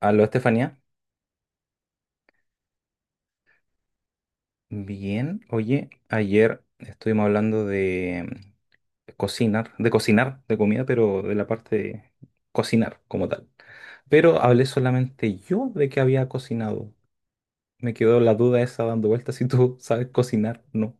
Aló, Estefanía. Bien, oye, ayer estuvimos hablando de cocinar, de cocinar, de comida, pero de la parte de cocinar como tal. Pero hablé solamente yo de que había cocinado. Me quedó la duda esa dando vueltas si tú sabes cocinar, no.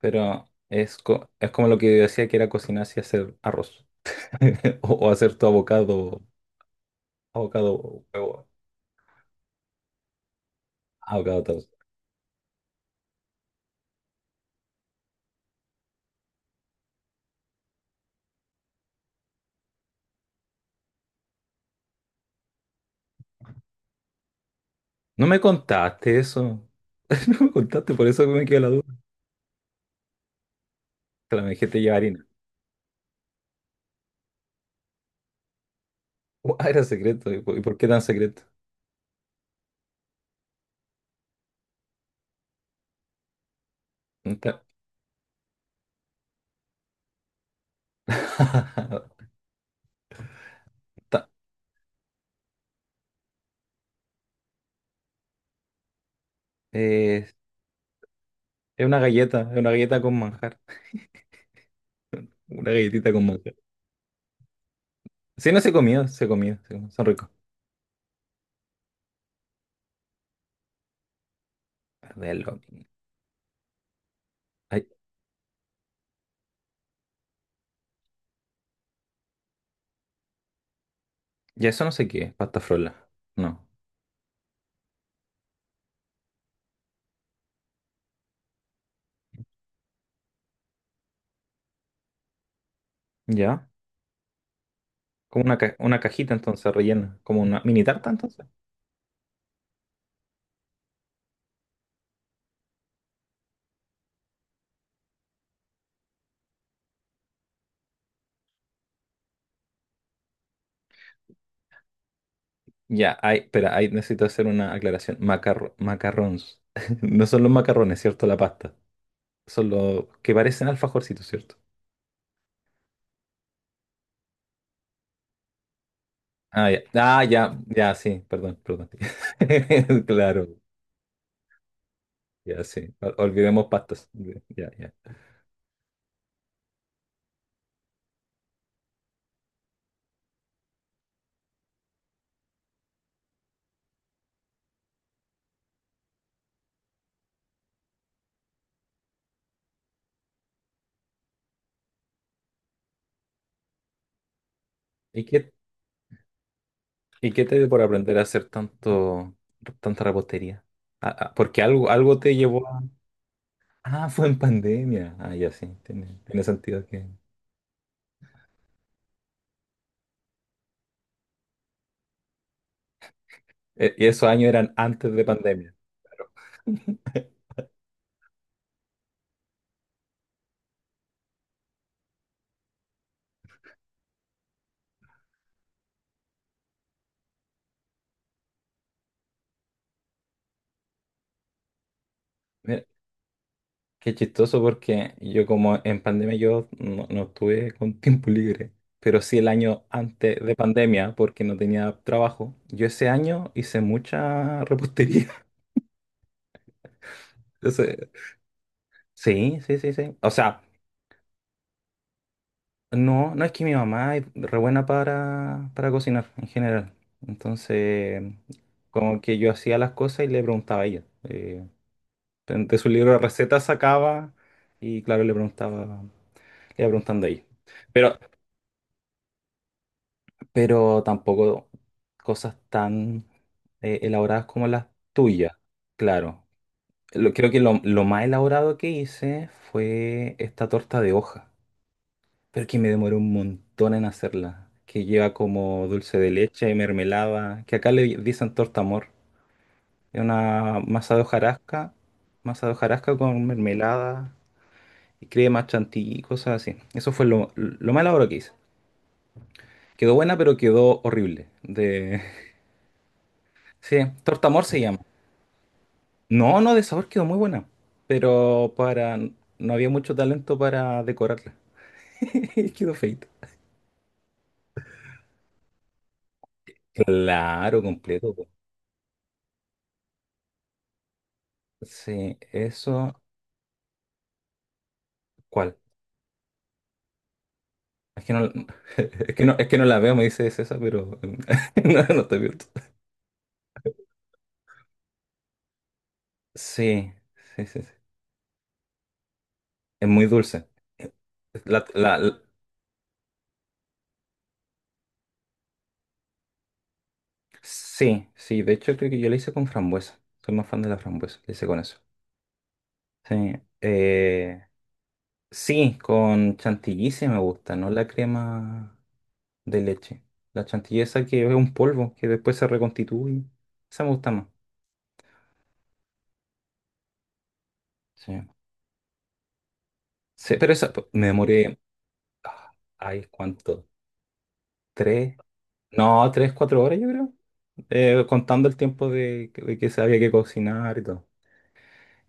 Pero es, es como lo que yo decía que era cocinar si hacer arroz o hacer tu avocado, avocado, huevo, avocado toast. No me contaste eso. No me contaste, por eso me quedó la duda. Claro, me dijiste llevar harina. Ah, era secreto. ¿Y y por qué tan secreto? Ta- ta- eh, es una galleta con manjar. Una galletita con manjar. Sí, no se comió, se comió, se comió. Son ricos. Verlo. Ay, ya eso no sé qué es, pasta frola. No. ¿Ya? Como una, una cajita entonces rellena. Como una mini tarta entonces. Ya, ay, espera, ahí necesito hacer una aclaración. Macarrons. No son los macarrones, ¿cierto? La pasta. Son los que parecen alfajorcitos, ¿cierto? Ah, ya, ah, ya, ya, sí, perdón, perdón. Claro, ya, sí. Olvidemos pastas. Ya, ya. ¿Y qué, y qué te dio por aprender a hacer tanto, tanta repostería? Ah, ah, porque algo, algo te llevó a... Ah, fue en pandemia. Ah, ya, sí, tiene, tiene sentido que... Y esos años eran antes de pandemia. Claro. Qué chistoso porque yo como en pandemia yo no, no estuve con tiempo libre, pero sí el año antes de pandemia porque no tenía trabajo. Yo ese año hice mucha repostería. Entonces, sí, sí, sí, sí. O sea, no, no es que mi mamá es re buena para cocinar en general. Entonces, como que yo hacía las cosas y le preguntaba a ella. De su libro de recetas sacaba y claro, le preguntaba, le iba preguntando a ella. Pero tampoco cosas tan elaboradas como las tuyas, claro. Creo que lo más elaborado que hice fue esta torta de hoja, pero que me demoró un montón en hacerla, que lleva como dulce de leche y mermelada, que acá le dicen torta amor. Es una masa de hojarasca con mermelada y crema chantilly y cosas así. Eso fue lo más elaborado que hice. Quedó buena, pero quedó horrible. De... Sí, torta amor se llama. No, no, de sabor quedó muy buena, pero para no había mucho talento para decorarla. Quedó feito. Claro, completo. Po. Sí, eso. ¿Cuál? Es que no, es que no la veo, me dice César, pero no, no estoy viendo. Sí, sí, sí, sí. Es muy dulce. La, la- la- sí, sí, de hecho creo que yo la hice con frambuesa. Soy más fan de la frambuesa, la hice con eso. Sí, eh, sí, con chantilly sí me gusta, no la crema. De leche. La chantilly esa que es un polvo que después se reconstituye. Esa me gusta más. Sí. Sí, pero me demoré. Ah, ay, ¿cuánto? ¿Tres? No, tres, cuatro horas yo creo. Contando el tiempo de que se había que cocinar y todo.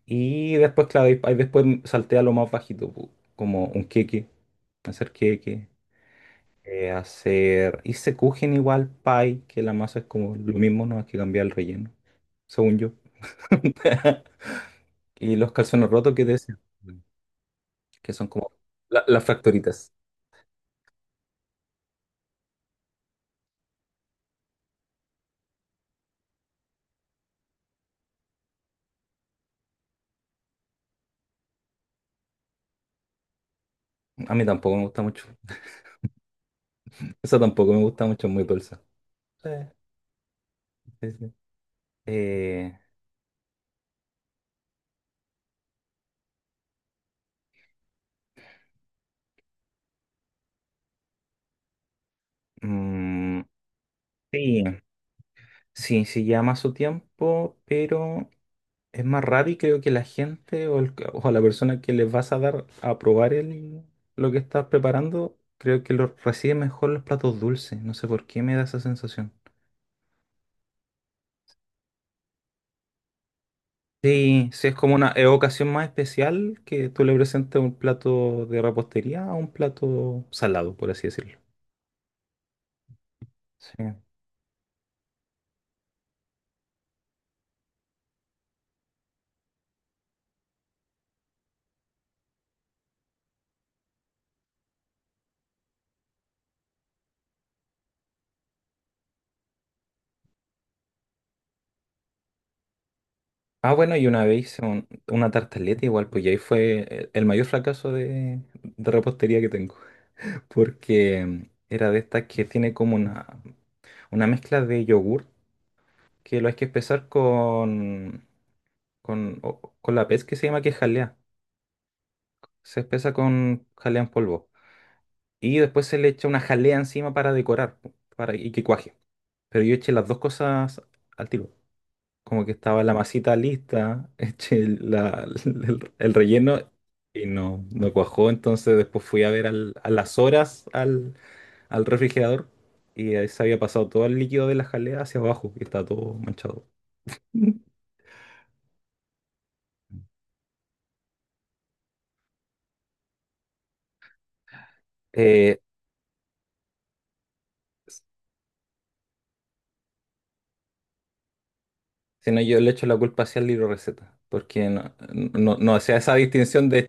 Y después, claro, ahí después salté a lo más bajito, pu- como un queque, hacer... Hice kuchen igual, pie, que la masa es como lo mismo, no hay que cambiar el relleno, según yo. Y los calzones rotos que te decía, que son como las fracturitas. A mí tampoco me gusta mucho. Eso tampoco me gusta mucho, es muy dulce. Sí, sí, sí. Eh, mm, sí, sí, sí llama su tiempo, pero es más raro y creo que la gente o la persona que les vas a dar a probar el, lo que estás preparando, creo que lo recibe mejor los platos dulces. No sé por qué me da esa sensación. Sí, sí, es como una ocasión más especial que tú le presentes un plato de repostería a un plato salado, por así decirlo. Sí. Ah, bueno, y una vez hice una tartaleta igual, pues y ahí fue el mayor fracaso de repostería que tengo, porque era de estas que tiene como una mezcla de yogur que lo hay que espesar con, con la pez que se llama que es jalea. Se espesa con jalea en polvo. Y después se le echa una jalea encima para decorar, po, para y que cuaje. Pero yo eché las dos cosas al tiro. Como que estaba la masita lista, eché el relleno y no, no cuajó. Entonces después fui a ver a las horas al, al refrigerador y ahí se había pasado todo el líquido de la jalea hacia abajo y estaba todo manchado. Eh, si no, yo le echo la culpa hacia el libro receta, porque no, no, no hacía esa distinción de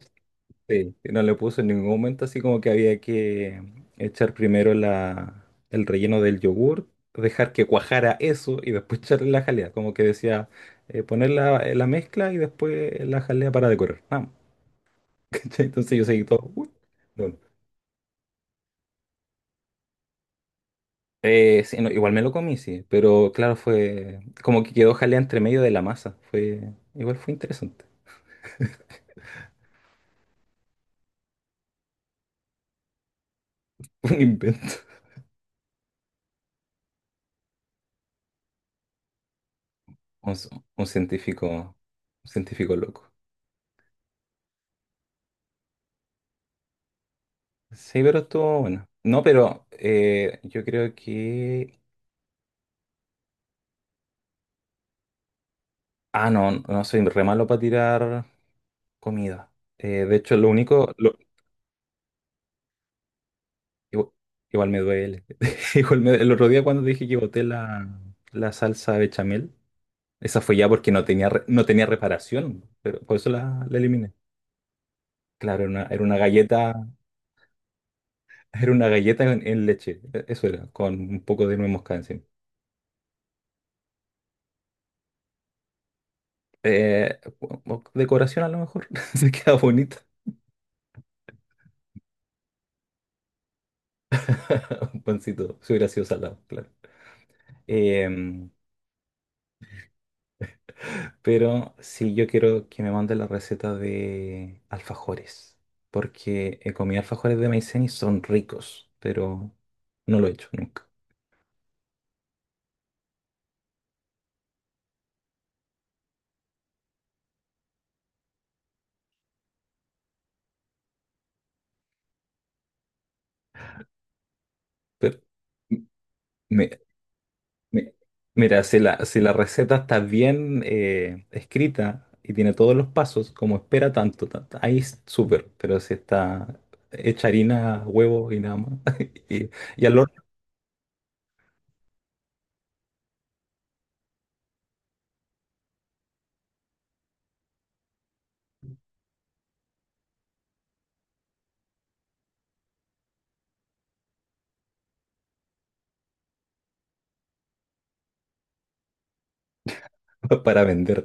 sí, y no le puso en ningún momento así como que había que echar primero la, el relleno del yogur, dejar que cuajara eso y después echarle la jalea. Como que decía, poner la, la mezcla y después la jalea para decorar. Ah, ¿cachai? Entonces yo seguí todo. "Uy, no". Sí, no, igual me lo comí, sí, pero claro, fue como que quedó jalea entre medio de la masa. Fue, igual fue interesante. Fue un invento. Un, un científico, un científico loco. Sí, pero estuvo bueno. No, pero yo creo que... Ah, no, no soy re malo para tirar comida. De hecho, lo único... lo- igu- Igual, me duele. El otro día cuando dije que boté la, la salsa bechamel, esa fue ya porque no tenía, no tenía reparación, pero por eso la, la eliminé. Claro, era una galleta, era una galleta en leche, eso era, con un poco de nuez moscada encima. O decoración a lo mejor, se queda bonita. Un pancito, si hubiera sido salado, claro. Em, pero sí, yo quiero que me mande la receta de alfajores, porque he comido alfajores de maicena y son ricos, pero no lo he hecho nunca. Pero me- me- mira, si la, si la receta está bien escrita y tiene todos los pasos, como espera tanto, tanto, ahí es súper, pero si está hecha harina, huevo y nada más, y, y al horno para vender.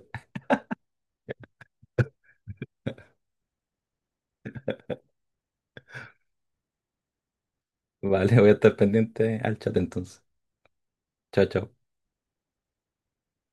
Vale, voy a estar pendiente al chat entonces. Chao, chao.